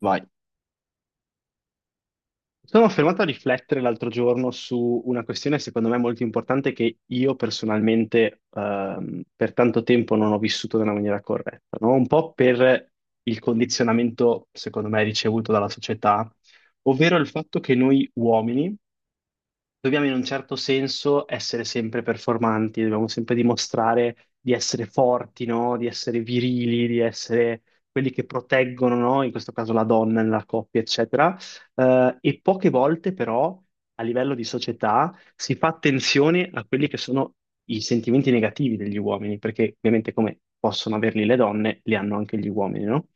Vai. Sono fermato a riflettere l'altro giorno su una questione secondo me molto importante che io personalmente per tanto tempo non ho vissuto nella maniera corretta, no? Un po' per il condizionamento secondo me ricevuto dalla società, ovvero il fatto che noi uomini dobbiamo in un certo senso essere sempre performanti, dobbiamo sempre dimostrare di essere forti, no? Di essere virili, di essere quelli che proteggono, no? In questo caso la donna nella coppia, eccetera. E poche volte però a livello di società si fa attenzione a quelli che sono i sentimenti negativi degli uomini, perché ovviamente come possono averli le donne, li hanno anche gli uomini, no?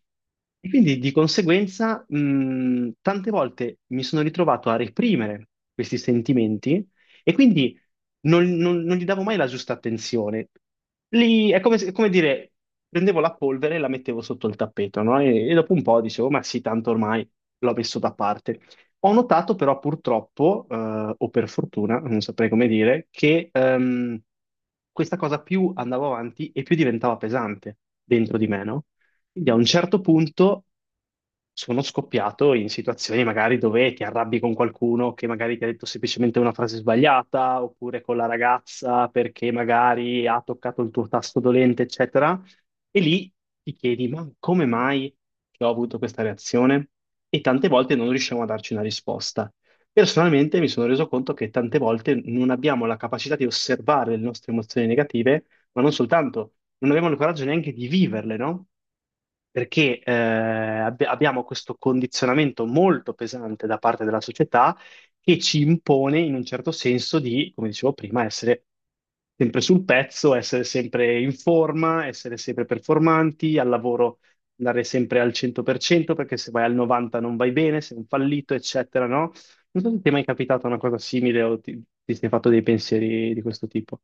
E quindi di conseguenza, tante volte mi sono ritrovato a reprimere questi sentimenti e quindi non gli davo mai la giusta attenzione. Lì è come, come dire, prendevo la polvere e la mettevo sotto il tappeto, no? E dopo un po' dicevo, ma sì, tanto ormai l'ho messo da parte. Ho notato però purtroppo, o per fortuna, non saprei come dire, che questa cosa più andava avanti e più diventava pesante dentro di me, no? Quindi a un certo punto sono scoppiato in situazioni magari dove ti arrabbi con qualcuno che magari ti ha detto semplicemente una frase sbagliata, oppure con la ragazza perché magari ha toccato il tuo tasto dolente, eccetera. E lì ti chiedi, ma come mai che ho avuto questa reazione? E tante volte non riusciamo a darci una risposta. Personalmente mi sono reso conto che tante volte non abbiamo la capacità di osservare le nostre emozioni negative, ma non soltanto, non abbiamo il coraggio neanche di viverle, no? Perché abbiamo questo condizionamento molto pesante da parte della società che ci impone in un certo senso di, come dicevo prima, essere sempre sul pezzo, essere sempre in forma, essere sempre performanti, al lavoro andare sempre al 100% perché se vai al 90 non vai bene, sei un fallito, eccetera, no? Non so se ti è mai capitata una cosa simile o ti sei fatto dei pensieri di questo tipo.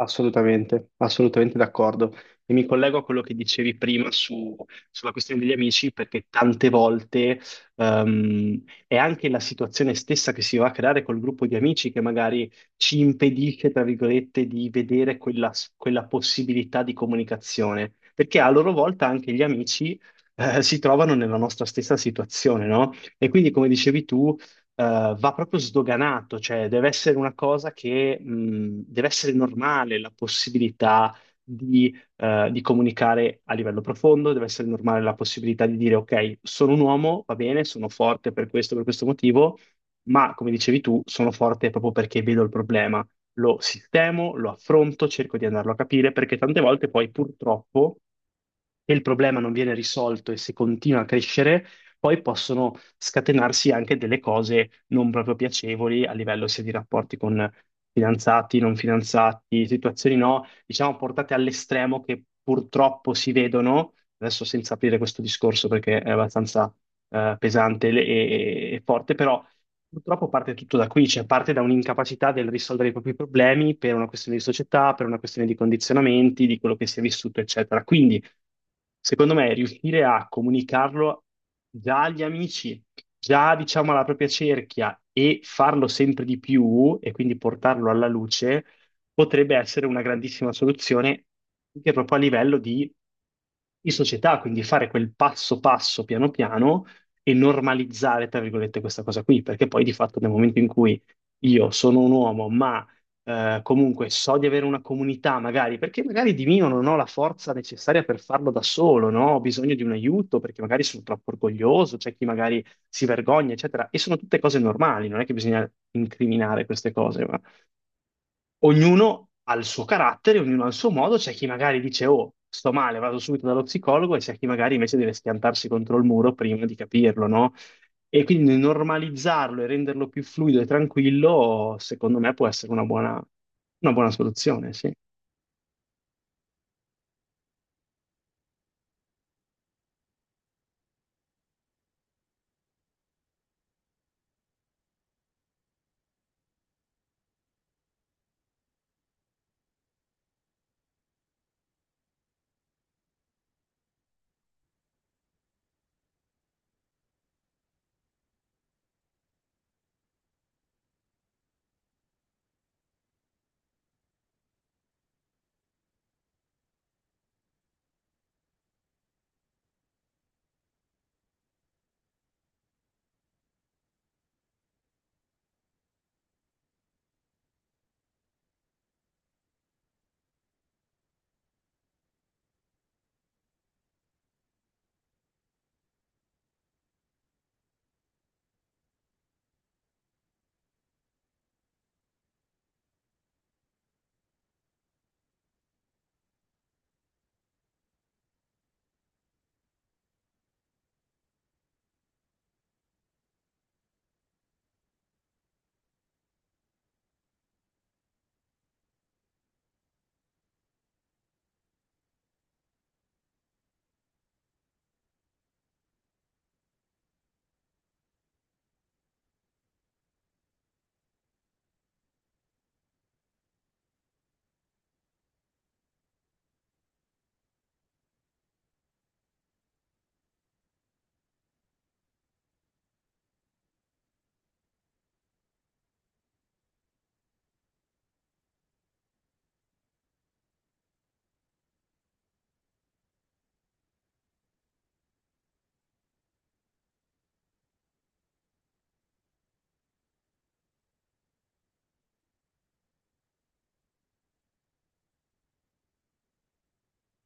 Assolutamente, assolutamente d'accordo. E mi collego a quello che dicevi prima sulla questione degli amici, perché tante volte è anche la situazione stessa che si va a creare col gruppo di amici che magari ci impedisce, tra virgolette, di vedere quella possibilità di comunicazione, perché a loro volta anche gli amici si trovano nella nostra stessa situazione, no? E quindi, come dicevi tu, va proprio sdoganato, cioè deve essere una cosa che deve essere normale la possibilità di comunicare a livello profondo, deve essere normale la possibilità di dire ok, sono un uomo, va bene, sono forte per questo motivo, ma come dicevi tu, sono forte proprio perché vedo il problema. Lo sistemo, lo affronto, cerco di andarlo a capire, perché tante volte poi purtroppo se il problema non viene risolto e se continua a crescere, poi possono scatenarsi anche delle cose non proprio piacevoli a livello sia di rapporti con fidanzati, non fidanzati, situazioni no, diciamo portate all'estremo che purtroppo si vedono, adesso senza aprire questo discorso perché è abbastanza pesante e forte, però purtroppo parte tutto da qui, cioè parte da un'incapacità del risolvere i propri problemi per una questione di società, per una questione di condizionamenti, di quello che si è vissuto, eccetera. Quindi secondo me, riuscire a comunicarlo già agli amici, già diciamo alla propria cerchia e farlo sempre di più e quindi portarlo alla luce potrebbe essere una grandissima soluzione anche proprio a livello di società, quindi fare quel passo passo piano piano e normalizzare, tra virgolette, questa cosa qui, perché poi di fatto nel momento in cui io sono un uomo, ma comunque so di avere una comunità, magari, perché magari di mio non ho la forza necessaria per farlo da solo, no? Ho bisogno di un aiuto perché magari sono troppo orgoglioso, c'è chi magari si vergogna, eccetera. E sono tutte cose normali, non è che bisogna incriminare queste cose, ognuno ha il suo carattere, ognuno ha il suo modo, c'è chi magari dice, oh, sto male, vado subito dallo psicologo, e c'è chi magari invece deve schiantarsi contro il muro prima di capirlo, no? E quindi normalizzarlo e renderlo più fluido e tranquillo, secondo me, può essere una buona soluzione, sì.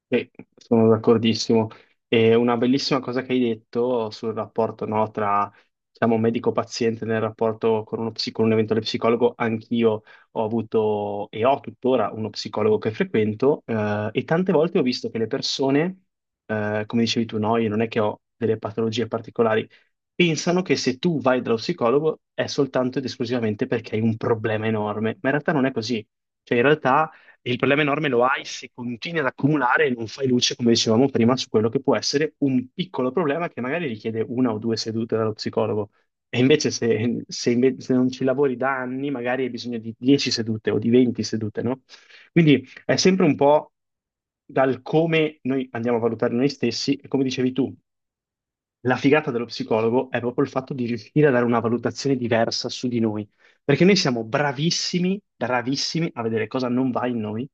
Sì, sono d'accordissimo. E una bellissima cosa che hai detto sul rapporto, no, tra, diciamo, medico-paziente nel rapporto con uno con un eventuale psicologo, anch'io ho avuto e ho tuttora uno psicologo che frequento, e tante volte ho visto che le persone, come dicevi tu, no, io non è che ho delle patologie particolari, pensano che se tu vai dallo psicologo è soltanto ed esclusivamente perché hai un problema enorme, ma in realtà non è così. Cioè, in realtà e il problema enorme lo hai se continui ad accumulare e non fai luce, come dicevamo prima, su quello che può essere un piccolo problema che magari richiede una o due sedute dallo psicologo. E invece se non ci lavori da anni, magari hai bisogno di 10 sedute o di 20 sedute, no? Quindi è sempre un po' dal come noi andiamo a valutare noi stessi e come dicevi tu, la figata dello psicologo è proprio il fatto di riuscire a dare una valutazione diversa su di noi, perché noi siamo bravissimi, bravissimi a vedere cosa non va in noi,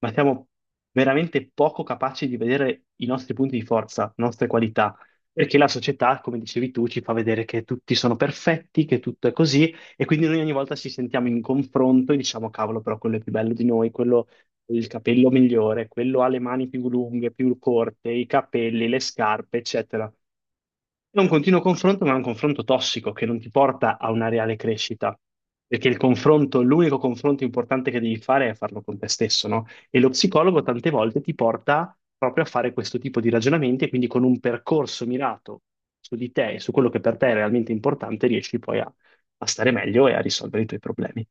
ma siamo veramente poco capaci di vedere i nostri punti di forza, le nostre qualità, perché la società, come dicevi tu, ci fa vedere che tutti sono perfetti, che tutto è così, e quindi noi ogni volta ci sentiamo in confronto e diciamo, cavolo, però quello è più bello di noi, quello ha il capello migliore, quello ha le mani più lunghe, più corte, i capelli, le scarpe, eccetera. È un continuo confronto, ma è un confronto tossico che non ti porta a una reale crescita. Perché il confronto, l'unico confronto importante che devi fare è farlo con te stesso, no? E lo psicologo tante volte ti porta proprio a fare questo tipo di ragionamenti e quindi con un percorso mirato su di te e su quello che per te è realmente importante, riesci poi a, a stare meglio e a risolvere i tuoi problemi.